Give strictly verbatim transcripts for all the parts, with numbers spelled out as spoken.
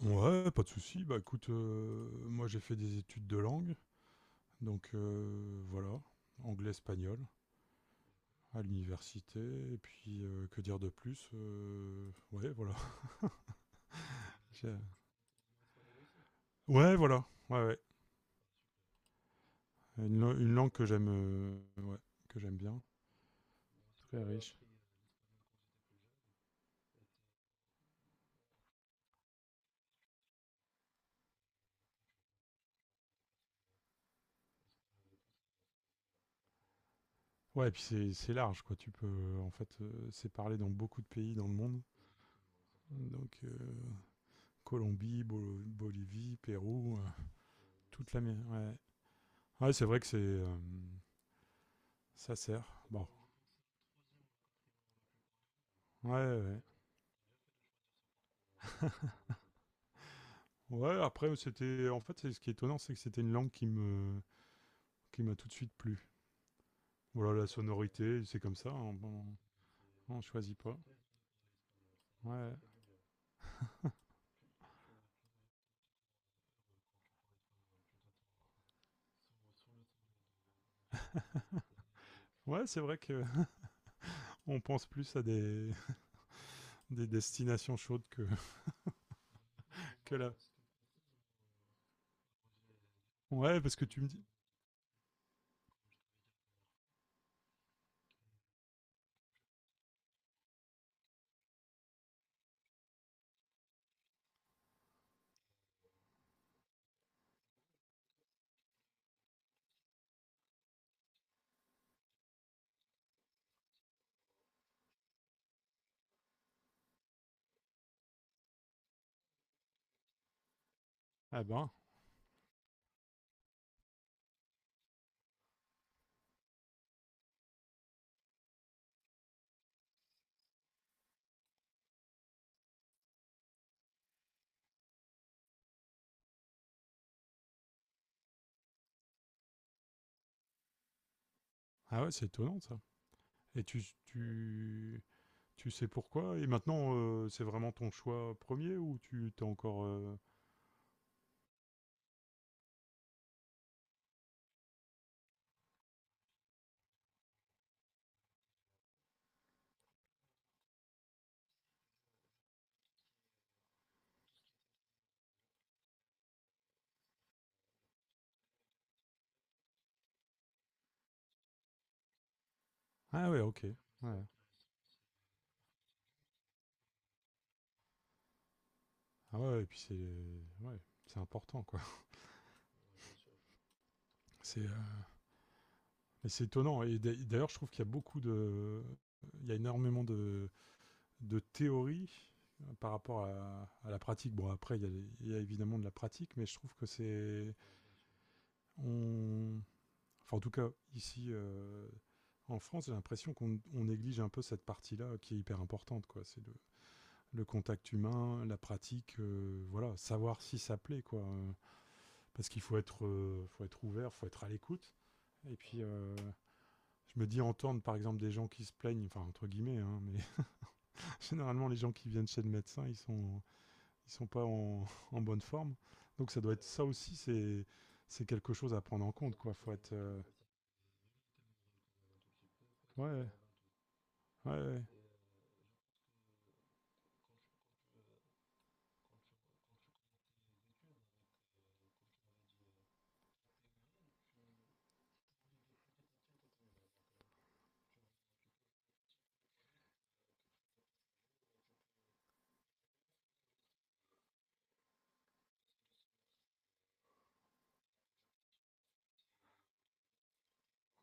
Ouais, pas de souci. Bah écoute, heu, moi j'ai fait des études de langue, donc heu, voilà, anglais-espagnol à l'université. Et puis, heu, que dire de plus? Heu, ouais, voilà. J'ai, ouais, voilà, ouais, ouais, une lan une langue que j'aime, heu, ouais, que j'aime bien, très riche. Ouais, et puis c'est c'est large quoi. Tu peux, euh, en fait, heu, c'est parlé dans beaucoup de pays dans le monde, donc heu, Colombie, Bolo Bolivie, Pérou, heu, toute l'Amé ouais. Ouais, c'est vrai que c'est, hem, ça sert. Bon, ouais, ouais. Ouais, après, c'était. En fait, c'est- ce qui est étonnant, c'est que c'était une langue qui me, qui m'a tout de suite plu. Voilà, la sonorité, c'est comme ça, hein. Bon, on choisit pas. Ouais. Ouais, c'est vrai que on pense plus à des, des destinations chaudes que, que là. Ouais, parce que tu me dis. Ah ben. Ah ouais, c'est étonnant ça. Et tu, tu, tu sais pourquoi? Et maintenant, euh, c'est vraiment ton choix premier ou tu t'es encore. Euh, ah ouais, ok. Ouais. Ah ouais, et puis c'est. Ouais, c'est important quoi. C'est. Euh, mais c'est étonnant. Et d'ailleurs, je trouve qu'il y a beaucoup de. Il y a énormément de, de théories euh, par rapport à, à la pratique. Bon, après, il y, a, il y a évidemment de la pratique, mais je trouve que c'est. On... Enfin, en tout cas, ici, euh, en France, j'ai l'impression qu'on on néglige un peu cette partie-là, euh, qui est hyper importante, quoi. C'est le, le contact humain, la pratique, euh, voilà, savoir si ça plaît, quoi. Euh, Parce qu'il faut être, euh, faut être ouvert, il faut être à l'écoute. Et puis, euh, je me dis entendre par exemple des gens qui se plaignent, enfin entre guillemets, hein, mais généralement les gens qui viennent chez le médecin, ils sont, ils sont pas en, en bonne forme. Donc ça doit être ça aussi, c'est, c'est quelque chose à prendre en compte, quoi. Faut être. Euh, ouais, ouais, ouais.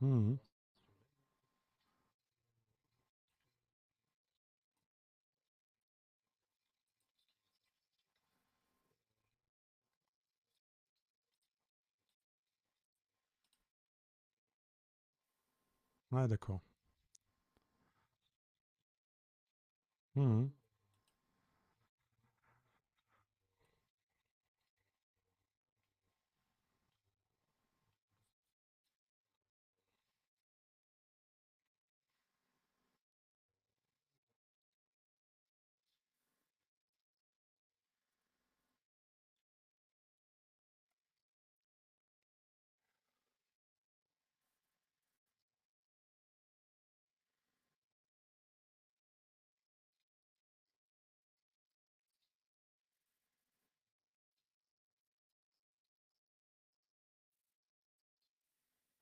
Mhm. Ouais, d'accord. Mhm.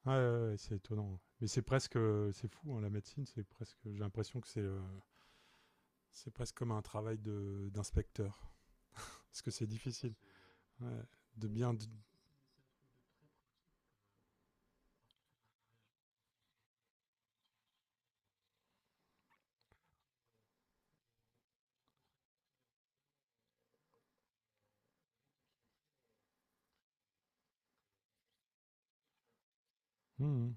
Ouais, ouais, ouais, c'est étonnant. Mais c'est presque, euh, c'est fou, hein, la médecine, c'est presque. J'ai l'impression que c'est, euh, c'est presque comme un travail de d'inspecteur, parce que c'est difficile. Ouais, de bien. d- Mhm.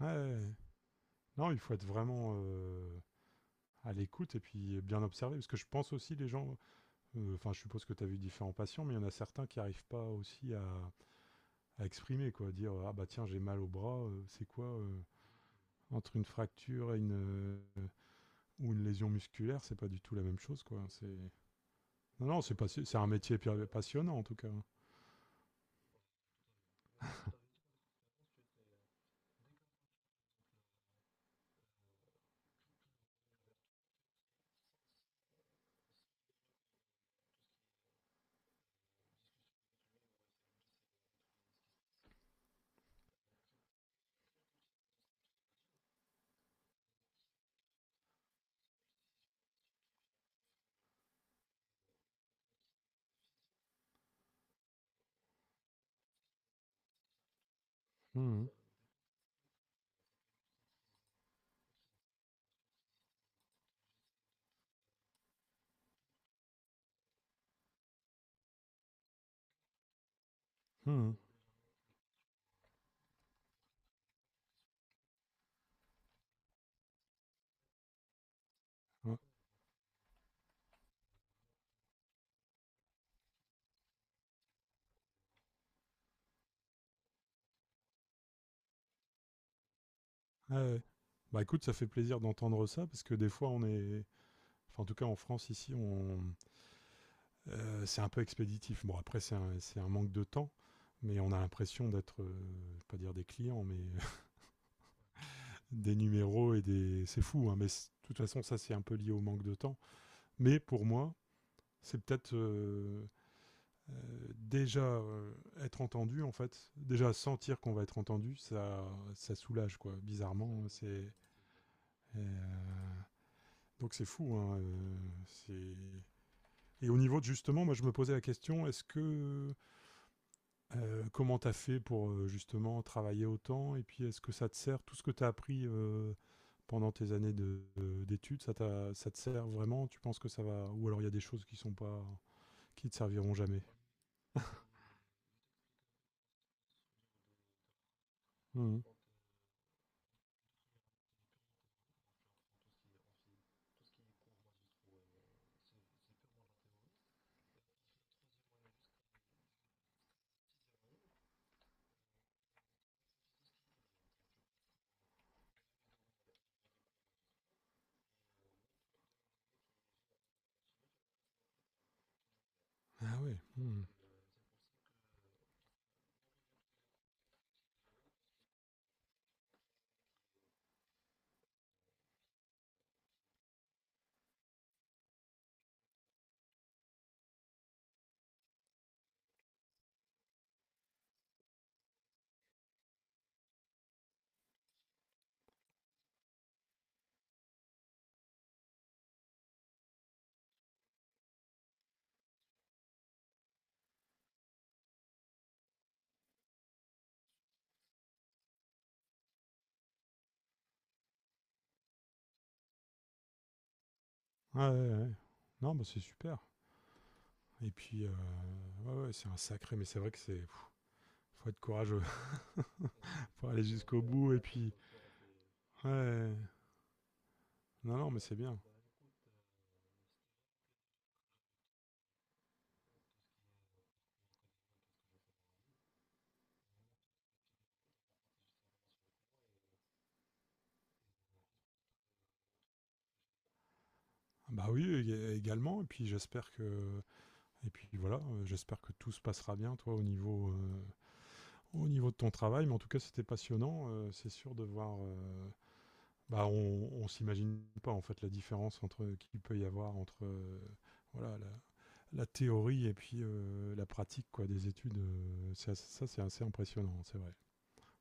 Ouais, ouais. Non, il faut être vraiment, euh, à l'écoute et puis bien observer. Parce que je pense aussi les gens, euh, enfin je suppose que tu as vu différents patients, mais il y en a certains qui n'arrivent pas aussi à, à exprimer, quoi, dire ah bah tiens j'ai mal au bras, euh, c'est quoi, euh, entre une fracture et une, euh, ou une lésion musculaire, c'est pas du tout la même chose, quoi. C'est non non c'est pas si, c'est un métier passionnant en tout cas. Mmh. Mmh. Ouais. Ah ouais. Bah écoute, ça fait plaisir d'entendre ça parce que des fois on est, enfin en tout cas en France ici on, euh, c'est un peu expéditif. Bon, après, c'est un, c'est un manque de temps, mais on a l'impression d'être, euh, je vais pas dire des clients, mais des numéros et des. C'est fou, hein, mais c- de toute façon, ça, c'est un peu lié au manque de temps. Mais pour moi, c'est peut-être euh, euh, déjà, euh, être entendu, en fait. Déjà sentir qu'on va être entendu, ça, ça soulage, quoi. Bizarrement, c'est, euh, donc c'est fou, hein, euh, c'est. Et au niveau de justement, moi je me posais la question, est-ce que Heu, comment tu as fait pour, heu, justement travailler autant? Et puis est-ce que ça te sert tout ce que tu as appris, heu, pendant tes années de de- d'études? Ça t'a ça te sert vraiment? Tu penses que ça va ou alors il y a des choses qui sont pas qui te serviront jamais? Mmh. Ah ouais, mmh. Ah ouais, ouais, ouais. Non, bah, c'est super. Et puis, heu, ouais, ouais, c'est un sacré mais c'est vrai que c'est pff, faut être courageux pour aller jusqu'au bout. Et puis ouais, non, non, mais c'est bien. Bah, oui, ég également. Et puis j'espère que, et puis voilà, euh, j'espère que tout se passera bien, toi, au niveau, euh, au niveau de ton travail. Mais en tout cas, c'était passionnant, euh, c'est sûr de voir, euh, bah, on, on s'imagine pas en fait la différence entre qu'il peut y avoir entre euh, voilà la, la théorie et puis euh, la pratique quoi des études. Euh, c'est assez- ça, c'est assez impressionnant, c'est vrai.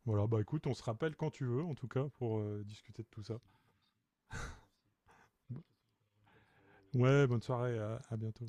Voilà, bah écoute, on se rappelle quand tu veux, en tout cas, pour euh, discuter de tout ça. Ouais, bonne soirée, à- à bientôt.